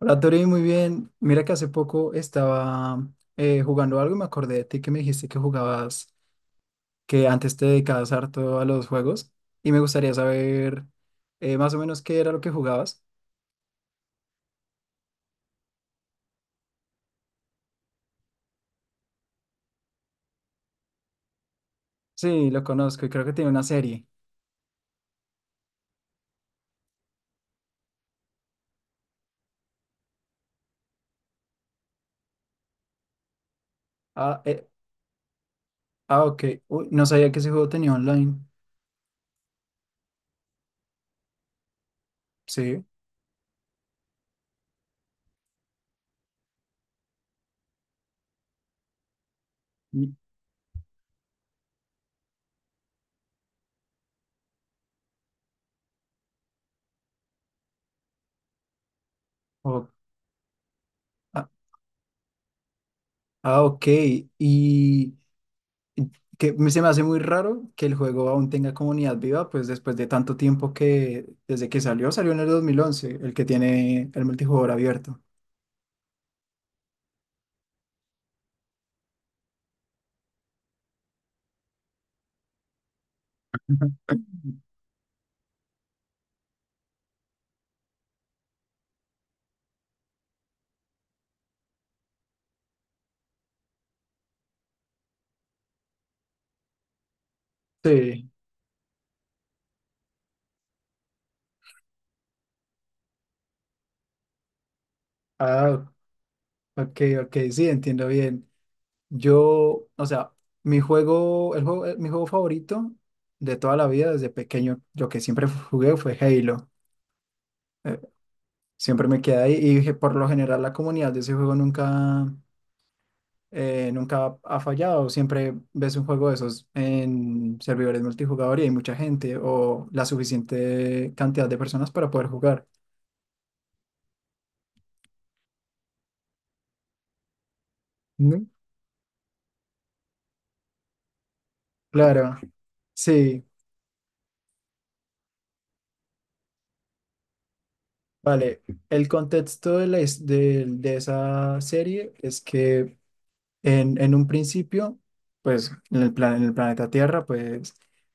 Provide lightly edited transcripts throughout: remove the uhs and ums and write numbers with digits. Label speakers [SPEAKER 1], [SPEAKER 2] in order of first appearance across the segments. [SPEAKER 1] Hola, Tori, muy bien. Mira que hace poco estaba jugando algo y me acordé de ti que me dijiste que jugabas, que antes te dedicabas harto a los juegos y me gustaría saber más o menos qué era lo que jugabas. Sí, lo conozco y creo que tiene una serie. Ah, ah, ok. Uy, no sabía que ese juego tenía online. Sí. Y- o- ah, ah, ok. ¿Y, Se me hace muy raro que el juego aún tenga comunidad viva, pues después de tanto tiempo que desde que salió, salió en el 2011 el que tiene el multijugador abierto. Sí, ah, ok, ok, sí, entiendo bien. Yo, o sea, mi juego, el juego, mi juego favorito de toda la vida desde pequeño, lo que siempre jugué fue Halo. Eh, siempre me quedé ahí y dije, por lo general la comunidad de ese juego nunca ha fallado. Siempre ves un juego de esos en servidores multijugador y hay mucha gente o la suficiente cantidad de personas para poder jugar. ¿No? Claro, sí, vale. El contexto de, de esa serie es que en un principio, pues en el planeta Tierra, pues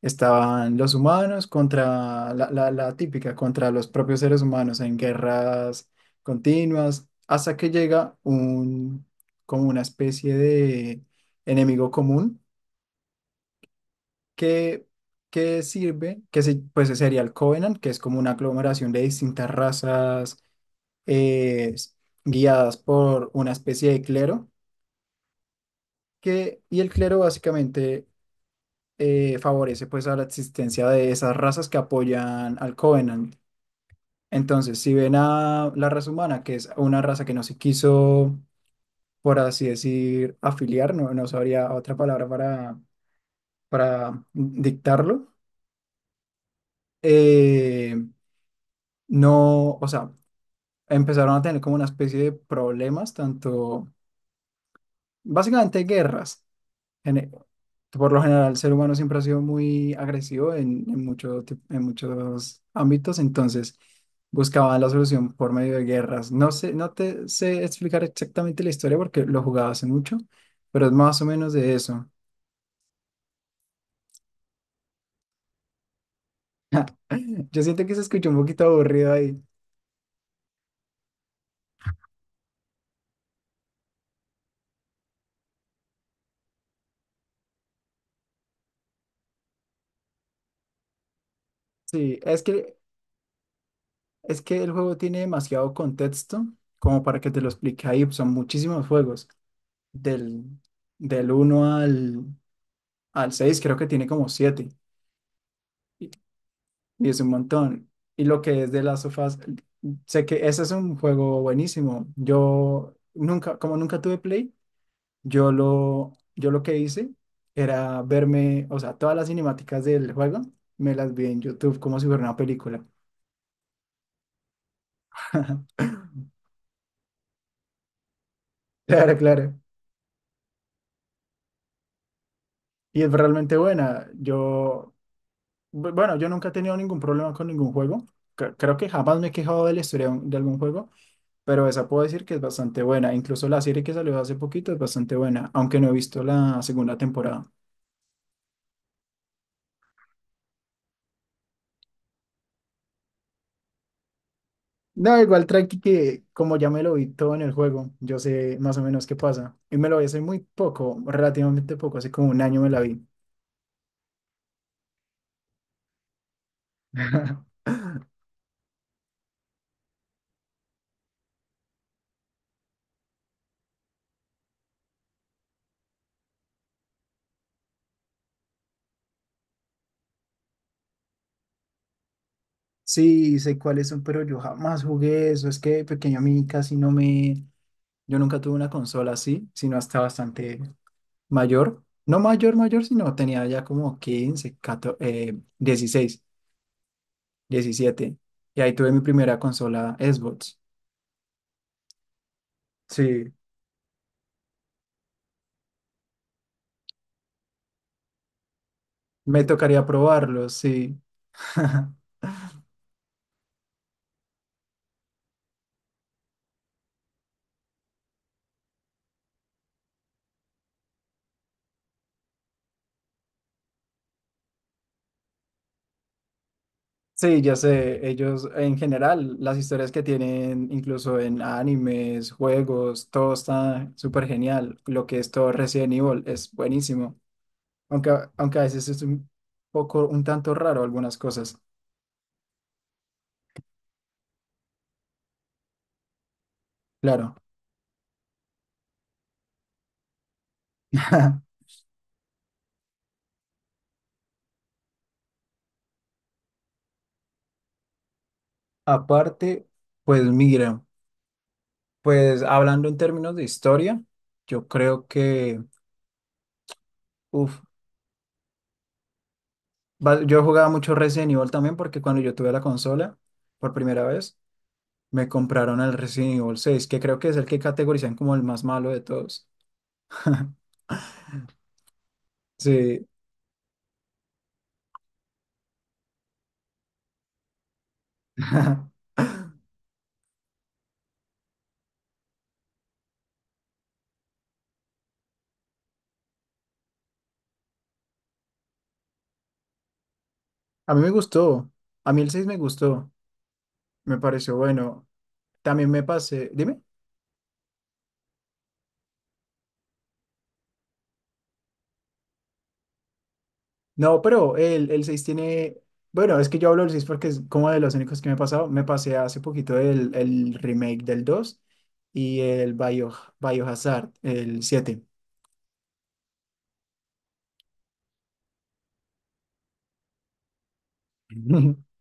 [SPEAKER 1] estaban los humanos contra la típica, contra los propios seres humanos en guerras continuas, hasta que llega un, como una especie de enemigo común que, que sirve, pues sería el Covenant, que es como una aglomeración de distintas razas eh, guiadas por una especie de clero que, y el clero básicamente favorece pues a la existencia de esas razas que apoyan al Covenant. Entonces, si ven a la raza humana, que es una raza que no se quiso, por así decir, afiliar, no, no sabría otra palabra para dictarlo, eh, no, o sea, empezaron a tener como una especie de problemas, tanto, básicamente guerras. gene- que por lo general el ser humano siempre ha sido muy agresivo en, en muchos ámbitos, entonces buscaba la solución por medio de guerras. No sé, no te sé explicar exactamente la historia porque lo jugaba hace mucho, pero es más o menos de eso. Yo siento que se escuchó un poquito aburrido ahí. Sí, es que el juego tiene demasiado contexto como para que te lo explique ahí. Son muchísimos juegos. Del, del uno al, al 6 creo que tiene como siete. Y es un montón. Y lo que es de las sofás, sé que ese es un juego buenísimo. Yo nunca, como nunca tuve Play, yo lo que hice era verme, o sea, todas las cinemáticas del juego, me las vi en YouTube como si fuera una película. Claro, claro. Y es realmente buena. Yo, bueno, yo nunca he tenido ningún problema con ningún juego. Creo que jamás me he quejado de la historia de de algún juego, pero esa puedo decir que es bastante buena. Incluso la serie que salió hace poquito es bastante buena, aunque no he visto la segunda temporada. No, igual Traki que como ya me lo vi todo en el juego, yo sé más o menos qué pasa. Y me lo vi hace muy poco, relativamente poco, hace como un año me la vi. Sí, sé cuáles son, pero yo jamás jugué eso. Es que de pequeño a mí casi no me... Yo nunca tuve una consola así, sino hasta bastante mayor. No mayor, mayor, sino tenía ya como 15, 14, 16, 17. Y ahí tuve mi primera consola Xbox. Sí, me tocaría probarlos, sí. Sí, ya sé, ellos en general, las historias que tienen, incluso en animes, juegos, todo está súper genial. Lo que es todo Resident Evil es buenísimo, aunque, aunque a veces es un poco, un tanto raro algunas cosas, claro. Aparte, pues mira, pues hablando en términos de historia, yo creo que, yo jugaba mucho Resident Evil también porque cuando yo tuve la consola por primera vez, me compraron el Resident Evil 6 que creo que es el que categorizan como el más malo de todos. Sí, a mí me gustó, a mí el seis me gustó, me pareció bueno. También me pasé, dime, no, pero el 6 tiene, bueno, es que yo hablo del 6 porque es como de los únicos que me he pasado, me pasé hace poquito el remake del 2 y el Bio, Biohazard, el siete.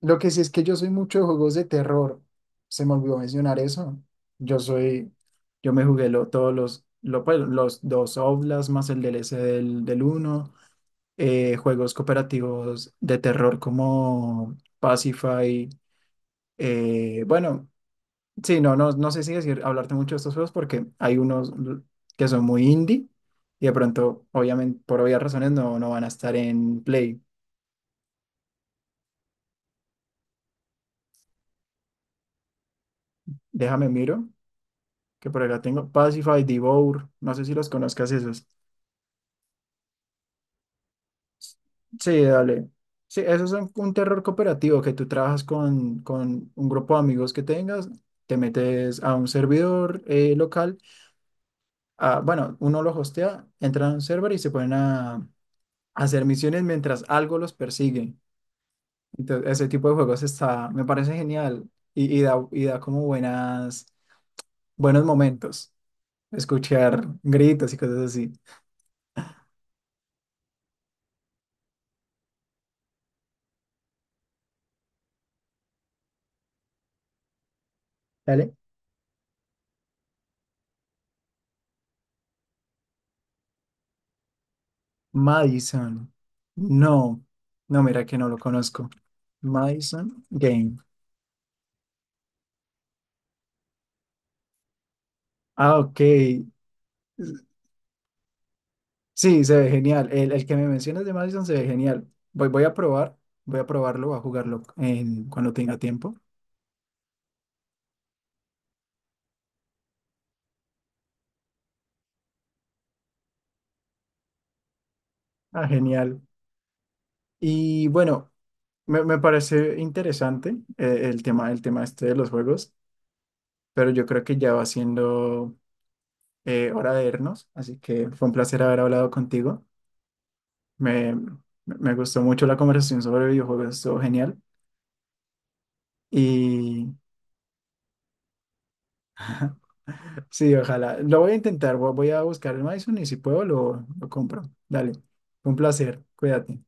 [SPEAKER 1] Lo que sí es que yo soy mucho de juegos de terror. Se me olvidó mencionar eso. Yo soy, yo me jugué todos pues, los dos Outlast más el DLC del uno, juegos cooperativos de terror como Pacify. Bueno, sí, no, no, no sé si decir, hablarte mucho de estos juegos porque hay unos que son muy indie y de pronto, obviamente, por obvias razones, no, no van a estar en Play. Déjame miro. Que por acá tengo, Pacify, Devour, no sé si los conozcas esos. Sí, dale. Sí, esos son un terror cooperativo que tú trabajas con un grupo de amigos que tengas, te metes a un servidor local, ah, bueno, uno lo hostea, entran a un server y se ponen a hacer misiones mientras algo los persigue. Entonces, ese tipo de juegos está, me parece genial y da como buenas, buenos momentos, escuchar gritos y cosas así. Dale. Madison. No, no, mira que no lo conozco. Madison Game. Ah, ok. Sí, se ve genial. El que me mencionas de Madison se ve genial. Voy a probar, voy a probarlo, voy a jugarlo en, cuando tenga tiempo. Ah, genial. Y bueno, me parece interesante el tema, este de los juegos, pero yo creo que ya va siendo hora de irnos, así que fue un placer haber hablado contigo. Me, me gustó mucho la conversación sobre videojuegos, estuvo genial. Y sí, ojalá. Lo voy a intentar, voy a buscar el Madison y si puedo lo compro. Dale, fue un placer, cuídate.